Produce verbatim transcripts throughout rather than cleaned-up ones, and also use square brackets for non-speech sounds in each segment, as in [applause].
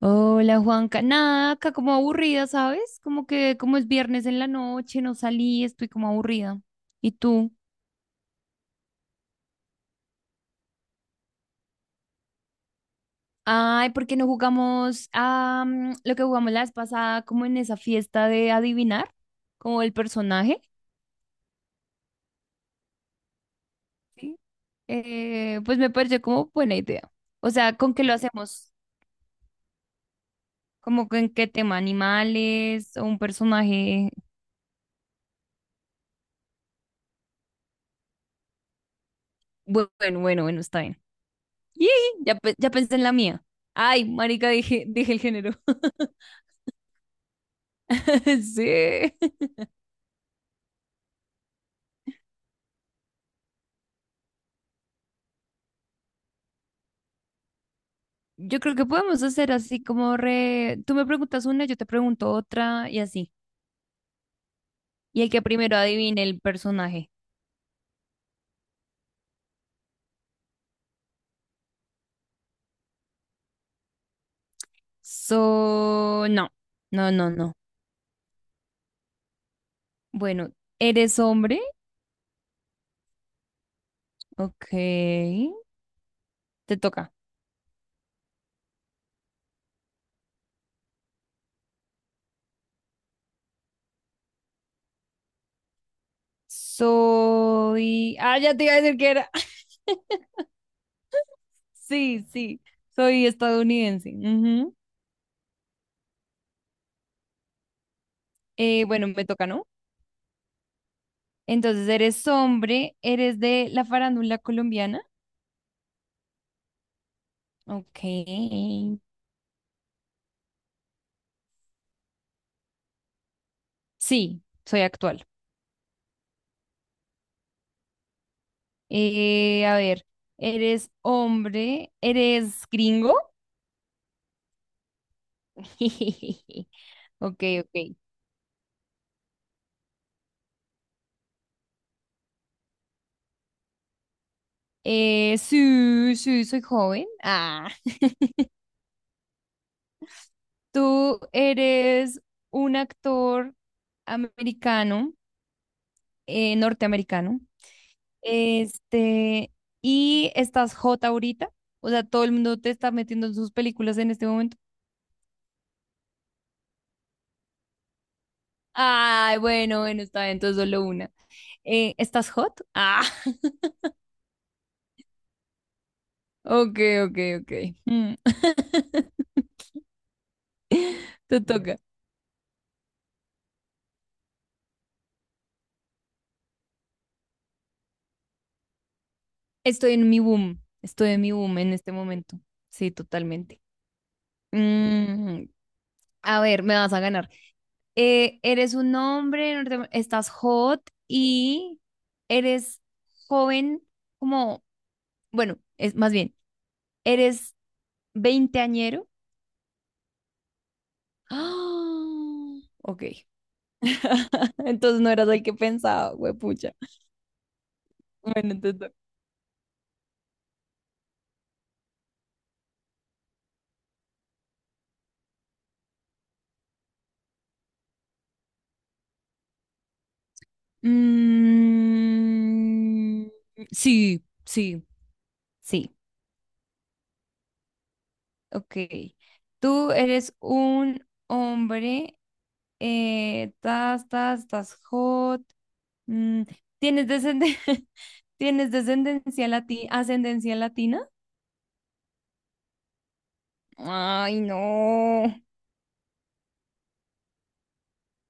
Hola Juanca, nada, acá como aburrida, ¿sabes? Como que como es viernes en la noche, no salí, estoy como aburrida. ¿Y tú? Ay, ¿por qué no jugamos a mm, lo que jugamos la vez pasada, como en esa fiesta de adivinar, como el personaje? ¿Sí? Eh, pues me pareció como buena idea. O sea, ¿con qué lo hacemos? ¿Como con qué tema? ¿Animales o un personaje? Bu- Bueno, bueno, bueno, está bien. Yee, ya, pe- ya pensé en la mía. Ay, marica, dije, dije el género. [laughs] [laughs] Sí. Yo creo que podemos hacer así como re... Tú me preguntas una, yo te pregunto otra y así. Y el que primero adivine el personaje. So, no, no, no, no. Bueno, ¿eres hombre? Ok, te toca. Soy... Ah, ya te iba a decir que era. [laughs] Sí, sí, soy estadounidense. Ujú. Eh, bueno, me toca, ¿no? Entonces, ¿eres hombre? ¿Eres de la farándula colombiana? Ok. Sí, soy actual. Eh, a ver, ¿eres hombre? ¿Eres gringo? [laughs] Ok, ok. Eh, sí, sí, soy joven. Ah, ¿tú eres un actor americano, eh, norteamericano? Este, ¿y estás hot ahorita? O sea, todo el mundo te está metiendo en sus películas en este momento. Ay, bueno, bueno, está bien, entonces solo una. Eh, ¿estás hot? Ah, [laughs] ok, ok, ok. Mm. [laughs] Te toca. Estoy en mi boom. Estoy en mi boom en este momento. Sí, totalmente. Mm, a ver, me vas a ganar. Eh, eres un hombre, norteam- estás hot y eres joven, como, bueno, es más bien, eres veinteañero. ¡Ah! Ok. [laughs] Entonces no eras el que pensaba, huepucha. Bueno, te toca. Mm, sí, sí, sí. Ok. Tú eres un hombre, eh, tas, tas, tas, hot. mm, ¿Tienes descende- [laughs] ¿tienes descendencia latina, ascendencia latina? Ay, no.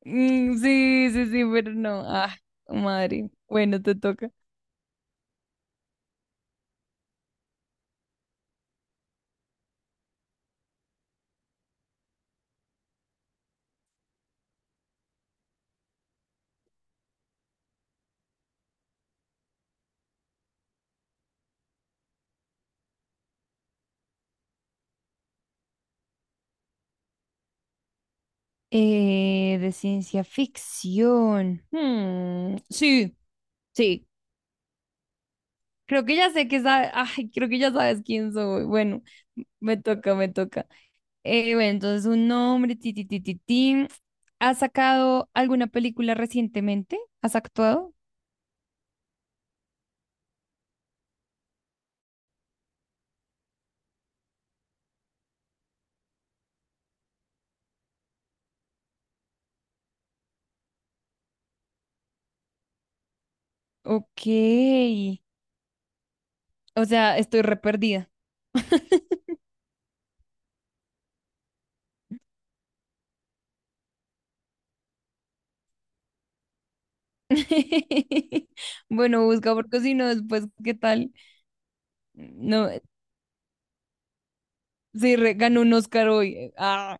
Mm, sí, sí, sí, pero no. Ah, madre. Bueno, te toca. Eh, de ciencia ficción. Hmm, sí, sí. Creo que ya sé que sabe- ay, creo que ya sabes quién soy. Bueno, me toca, me toca. Eh, bueno, entonces un nombre, ti, ti, ti, ti, ti. ¿Has sacado alguna película recientemente? ¿Has actuado? Ok. O sea, estoy re perdida. [laughs] Bueno, busca porque si no, después, ¿qué tal? No, sí, re- ganó un Oscar hoy. eh, Ah,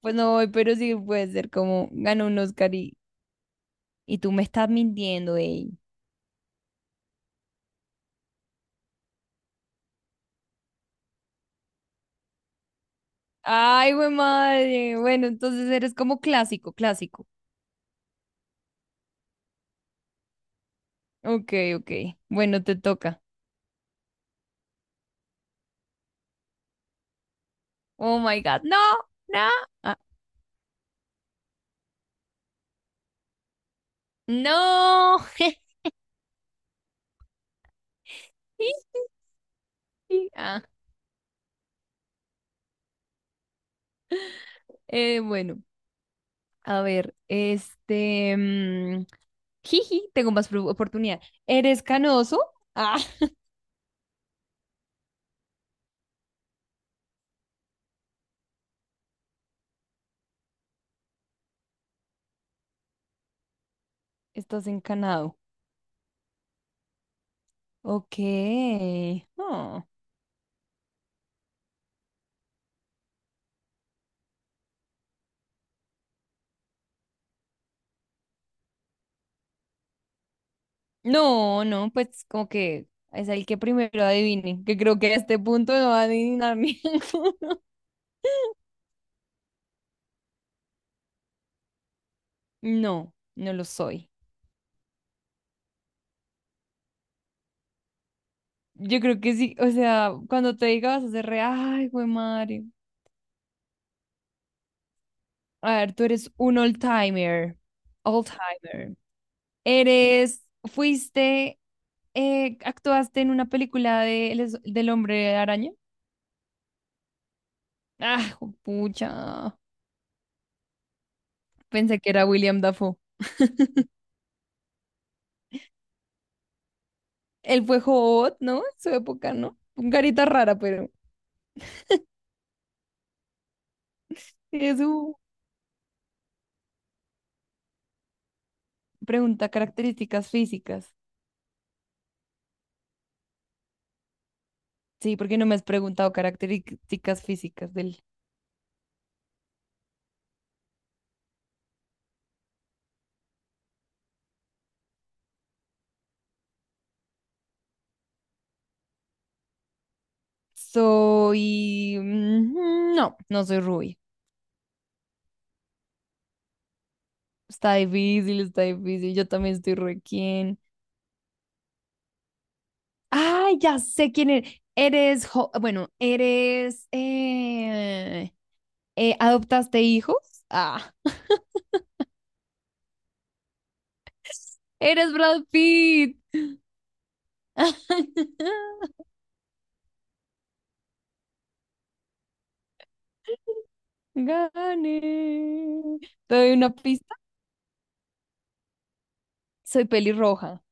pues no voy, pero sí puede ser como ganó un Oscar y, y tú me estás mintiendo, ey. Ay, güey, madre. Bueno, entonces eres como clásico, clásico. Ok, ok. Bueno, te toca. Oh my God. No, no, ah, no. [laughs] Ah, eh, bueno, a ver, este. Mm, jiji, tengo más pro- oportunidad. ¿Eres canoso? Ah, [laughs] estás encanado. Ok. Oh. No, no, pues como que es el que primero adivine, que creo que a este punto no va a adivinar ninguno. [laughs] No, no lo soy. Yo creo que sí, o sea, cuando te diga vas a hacer re, ay, güey. A ver, tú eres un old-timer. Old-timer. Eres, fuiste, eh, actuaste en una película de, El- del Hombre Araña. Ah, pucha. Pensé que era William Dafoe. Él fue hot, ¿no? En su época, ¿no? Un carita rara, pero. Es su pregunta características físicas. Sí, porque no me has preguntado características físicas de él. Soy. mm, No, no soy rubia. Está difícil, está difícil. Yo también estoy requien. Ay, ya sé quién eres. Eres, jo- bueno, eres, eh, eh, ¿adoptaste hijos? Ah, eres Brad Pitt. [laughs] Gané. ¿Te doy una pista? Soy pelirroja.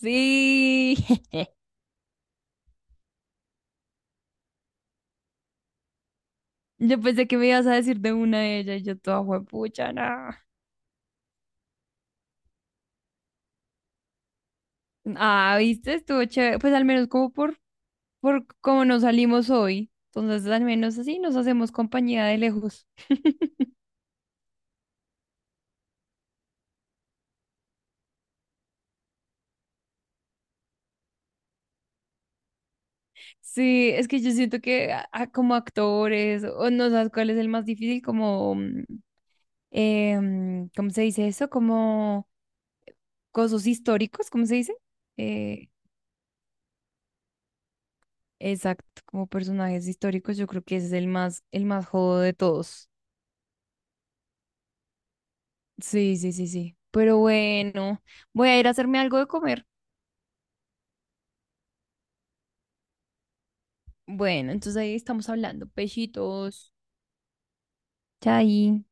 Sí. [laughs] Yo pensé que me ibas a decir de una de ellas y yo toda juepucha, no. Ah, ¿viste? Estuvo chévere. Pues al menos como por, por cómo nos salimos hoy. Entonces al menos así nos hacemos compañía de lejos. Sí, es que yo siento que a- a- como actores, o no sabes cuál es el más difícil, como, mm, eh, mm, ¿cómo se dice eso? Como cosas históricos, ¿cómo se dice? Eh, exacto, como personajes históricos, yo creo que ese es el más, el más jodo de todos. Sí, sí, sí, sí. Pero bueno, voy a ir a hacerme algo de comer. Bueno, entonces ahí estamos hablando. Pechitos. Chai.